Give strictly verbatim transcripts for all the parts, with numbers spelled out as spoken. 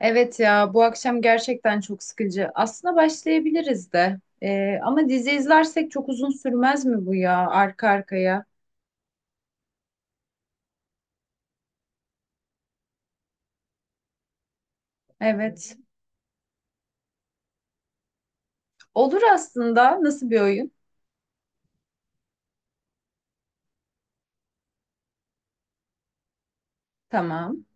Evet ya bu akşam gerçekten çok sıkıcı. Aslında başlayabiliriz de. Ee, ama dizi izlersek çok uzun sürmez mi bu ya arka arkaya? Evet. Olur aslında. Nasıl bir oyun? Tamam.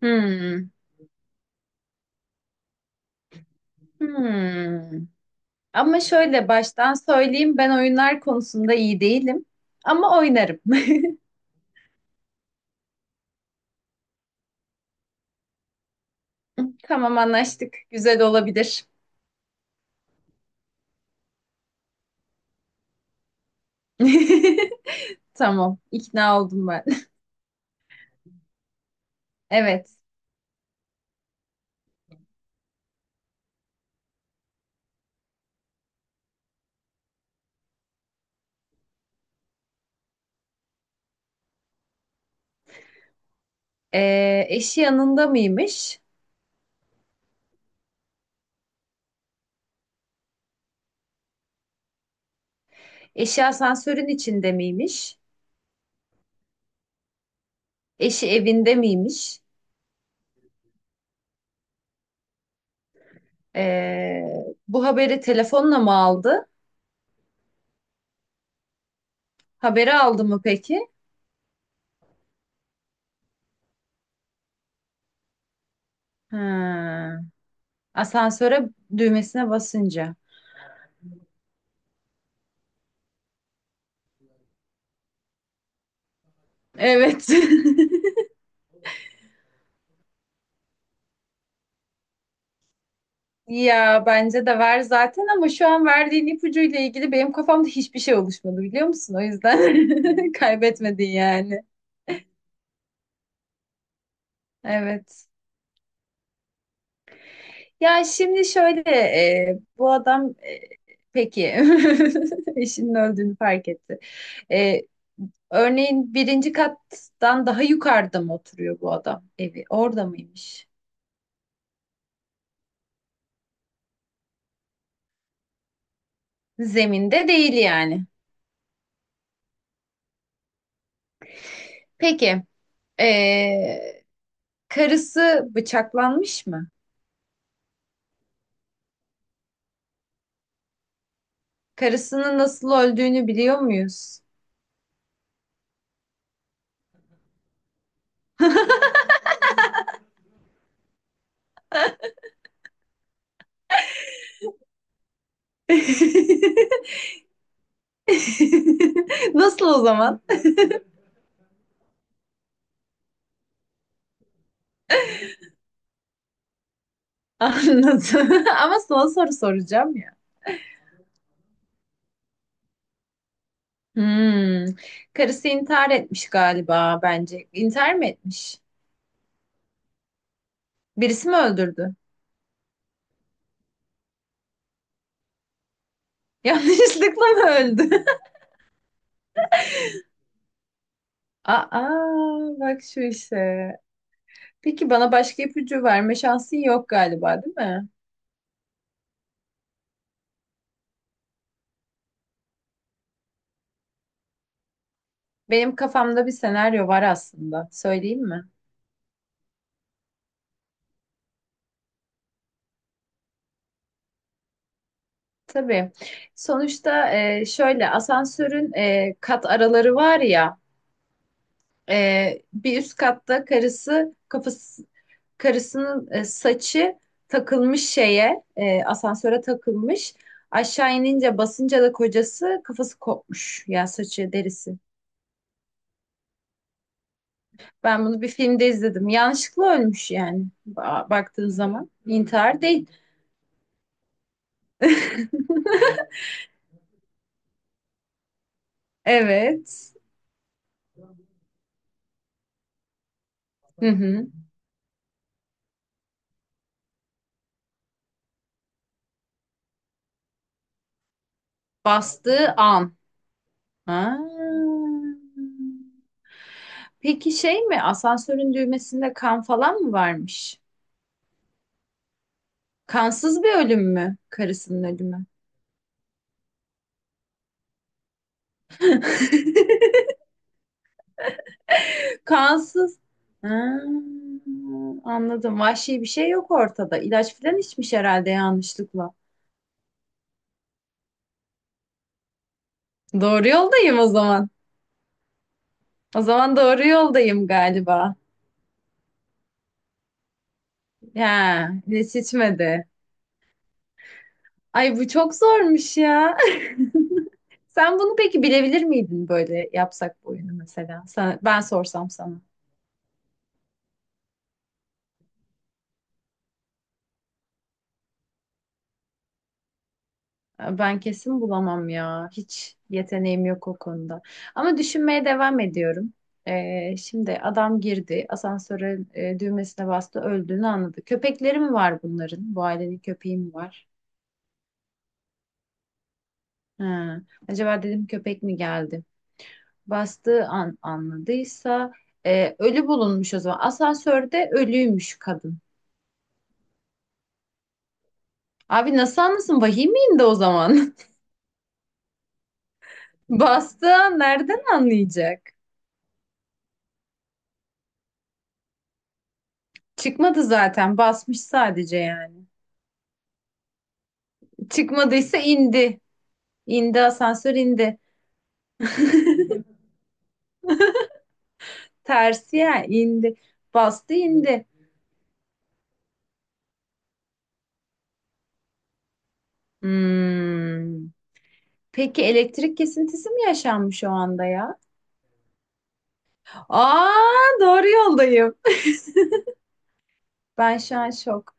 Hmm. Hmm. Ama şöyle baştan söyleyeyim ben oyunlar konusunda iyi değilim. Ama oynarım. Tamam, anlaştık. Güzel olabilir. Tamam, ikna oldum ben. Evet. Ee, eşi yanında mıymış? Eşi asansörün içinde miymiş? Eşi evinde miymiş? Ee, Bu haberi telefonla mı aldı? Haberi aldı mı peki? Ha, asansöre düğmesine basınca. Evet. Ya bence de ver zaten, ama şu an verdiğin ipucuyla ilgili benim kafamda hiçbir şey oluşmadı, biliyor musun? O yüzden kaybetmedin yani. Evet. Ya şimdi şöyle e, bu adam e, peki eşinin öldüğünü fark etti. E, Örneğin birinci kattan daha yukarıda mı oturuyor bu adam evi? Orada mıymış? Zeminde değil yani. Peki, ee, karısı bıçaklanmış mı? Karısının nasıl öldüğünü biliyor muyuz? Nasıl o zaman? Anladım. Ama son soru soracağım ya. Hmm. Karısı intihar etmiş galiba bence. İntihar mı etmiş? Birisi mi öldürdü? Yanlışlıkla mı öldü? Aa, bak şu işe. Peki bana başka ipucu verme şansın yok galiba, değil mi? Benim kafamda bir senaryo var aslında. Söyleyeyim mi? Tabii. Sonuçta e, şöyle asansörün e, kat araları var ya. E, bir üst katta karısı kafası, karısının e, saçı takılmış şeye, e, asansöre takılmış. Aşağı inince, basınca da kocası kafası kopmuş. Ya saçı derisi. Ben bunu bir filmde izledim. Yanlışlıkla ölmüş yani. Ba- baktığın zaman intihar değil. Evet. Hı hı. Bastığı an. Ha. Peki şey mi? Asansörün düğmesinde kan falan mı varmış? Kansız bir ölüm mü? Karısının ölümü. Kansız. Ha, anladım. Vahşi bir şey yok ortada. İlaç falan içmiş herhalde yanlışlıkla. Doğru yoldayım o zaman. O zaman doğru yoldayım galiba. Ya hiç içmedi. Ay bu çok zormuş ya. Sen bunu peki bilebilir miydin, böyle yapsak bu oyunu mesela? Sen, ben sorsam sana. Ee, Ben kesin bulamam ya. Hiç yeteneğim yok o konuda. Ama düşünmeye devam ediyorum. Ee, şimdi adam girdi. Asansöre e, düğmesine bastı. Öldüğünü anladı. Köpekleri mi var bunların? Bu ailenin köpeği mi var? Ha. Acaba dedim köpek mi geldi? Bastığı an anladıysa e, ölü bulunmuş o zaman. Asansörde ölüymüş kadın. Abi nasıl anlasın? Vahim de o zaman. Bastığı an nereden anlayacak? Çıkmadı zaten. Basmış sadece yani. Çıkmadıysa indi. İndi, asansör indi. Tersi ya, indi. Bastı, indi. Hmm. Peki elektrik kesintisi mi yaşanmış o anda ya? Aa, doğru yoldayım. Ben şu an şok.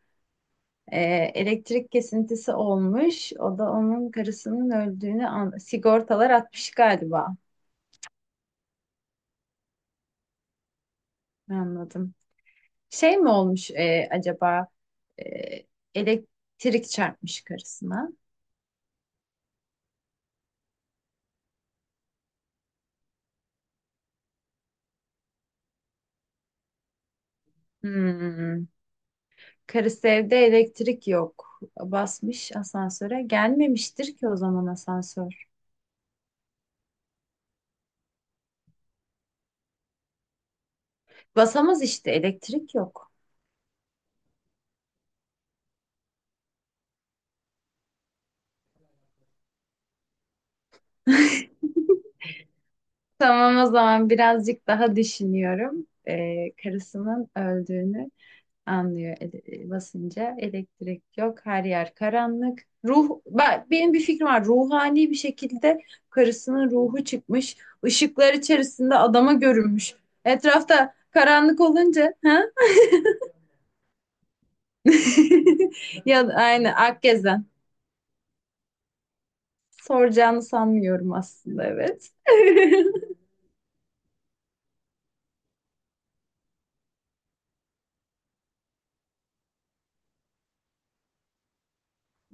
E, Elektrik kesintisi olmuş. O da onun karısının öldüğünü an sigortalar atmış galiba. Anladım. Şey mi olmuş e, acaba E, elektrik çarpmış karısına? Hmm. Karısı evde, elektrik yok. Basmış asansöre. Gelmemiştir ki o zaman asansör. Basamaz işte, elektrik yok. Tamam o zaman birazcık daha düşünüyorum. E, karısının öldüğünü anlıyor ele- e, basınca. Elektrik yok, her yer karanlık. Ruh, ben, benim bir fikrim var. Ruhani bir şekilde karısının ruhu çıkmış, ışıklar içerisinde adama görünmüş. Etrafta karanlık olunca, ha? Ya aynı Akgezen. Soracağını sanmıyorum aslında, evet.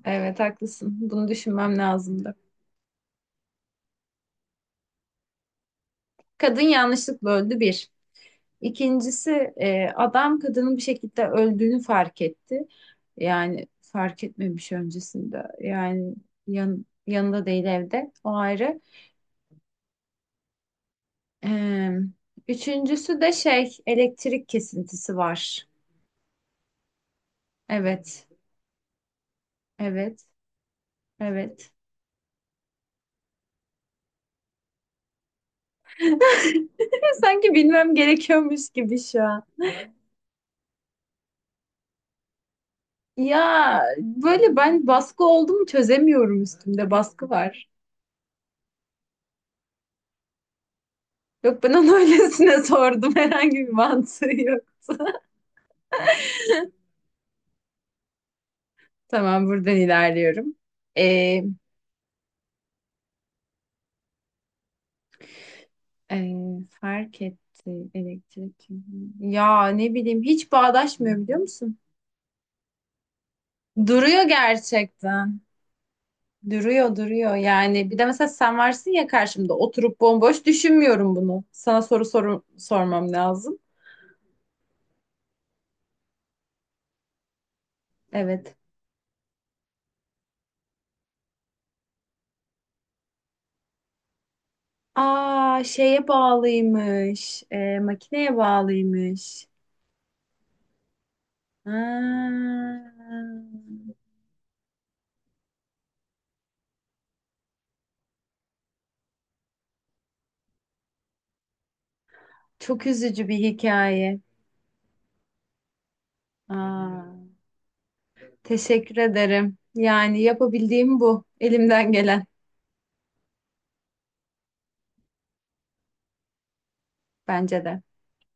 Evet haklısın. Bunu düşünmem lazımdı. Kadın yanlışlıkla öldü, bir. İkincisi, e, adam kadının bir şekilde öldüğünü fark etti. Yani fark etmemiş öncesinde. Yani yan, yanında değil, evde. O ayrı. E, Üçüncüsü de şey, elektrik kesintisi var. Evet. Evet. Evet. Sanki bilmem gerekiyormuş gibi şu an. Ya böyle ben baskı oldu mu çözemiyorum, üstümde baskı var. Yok, ben onu öylesine sordum, herhangi bir mantığı yoktu. Tamam, buradan ilerliyorum. Ee, e, Fark etti elektrik. Ya ne bileyim, hiç bağdaşmıyor, biliyor musun? Duruyor gerçekten. Duruyor, duruyor yani. Bir de mesela sen varsın ya karşımda, oturup bomboş düşünmüyorum bunu. Sana soru soru sormam lazım. Evet. Aa, şeye bağlıymış. Ee, makineye bağlıymış. Aa, çok üzücü bir hikaye. Aa. Teşekkür ederim. Yani yapabildiğim bu. Elimden gelen bence de.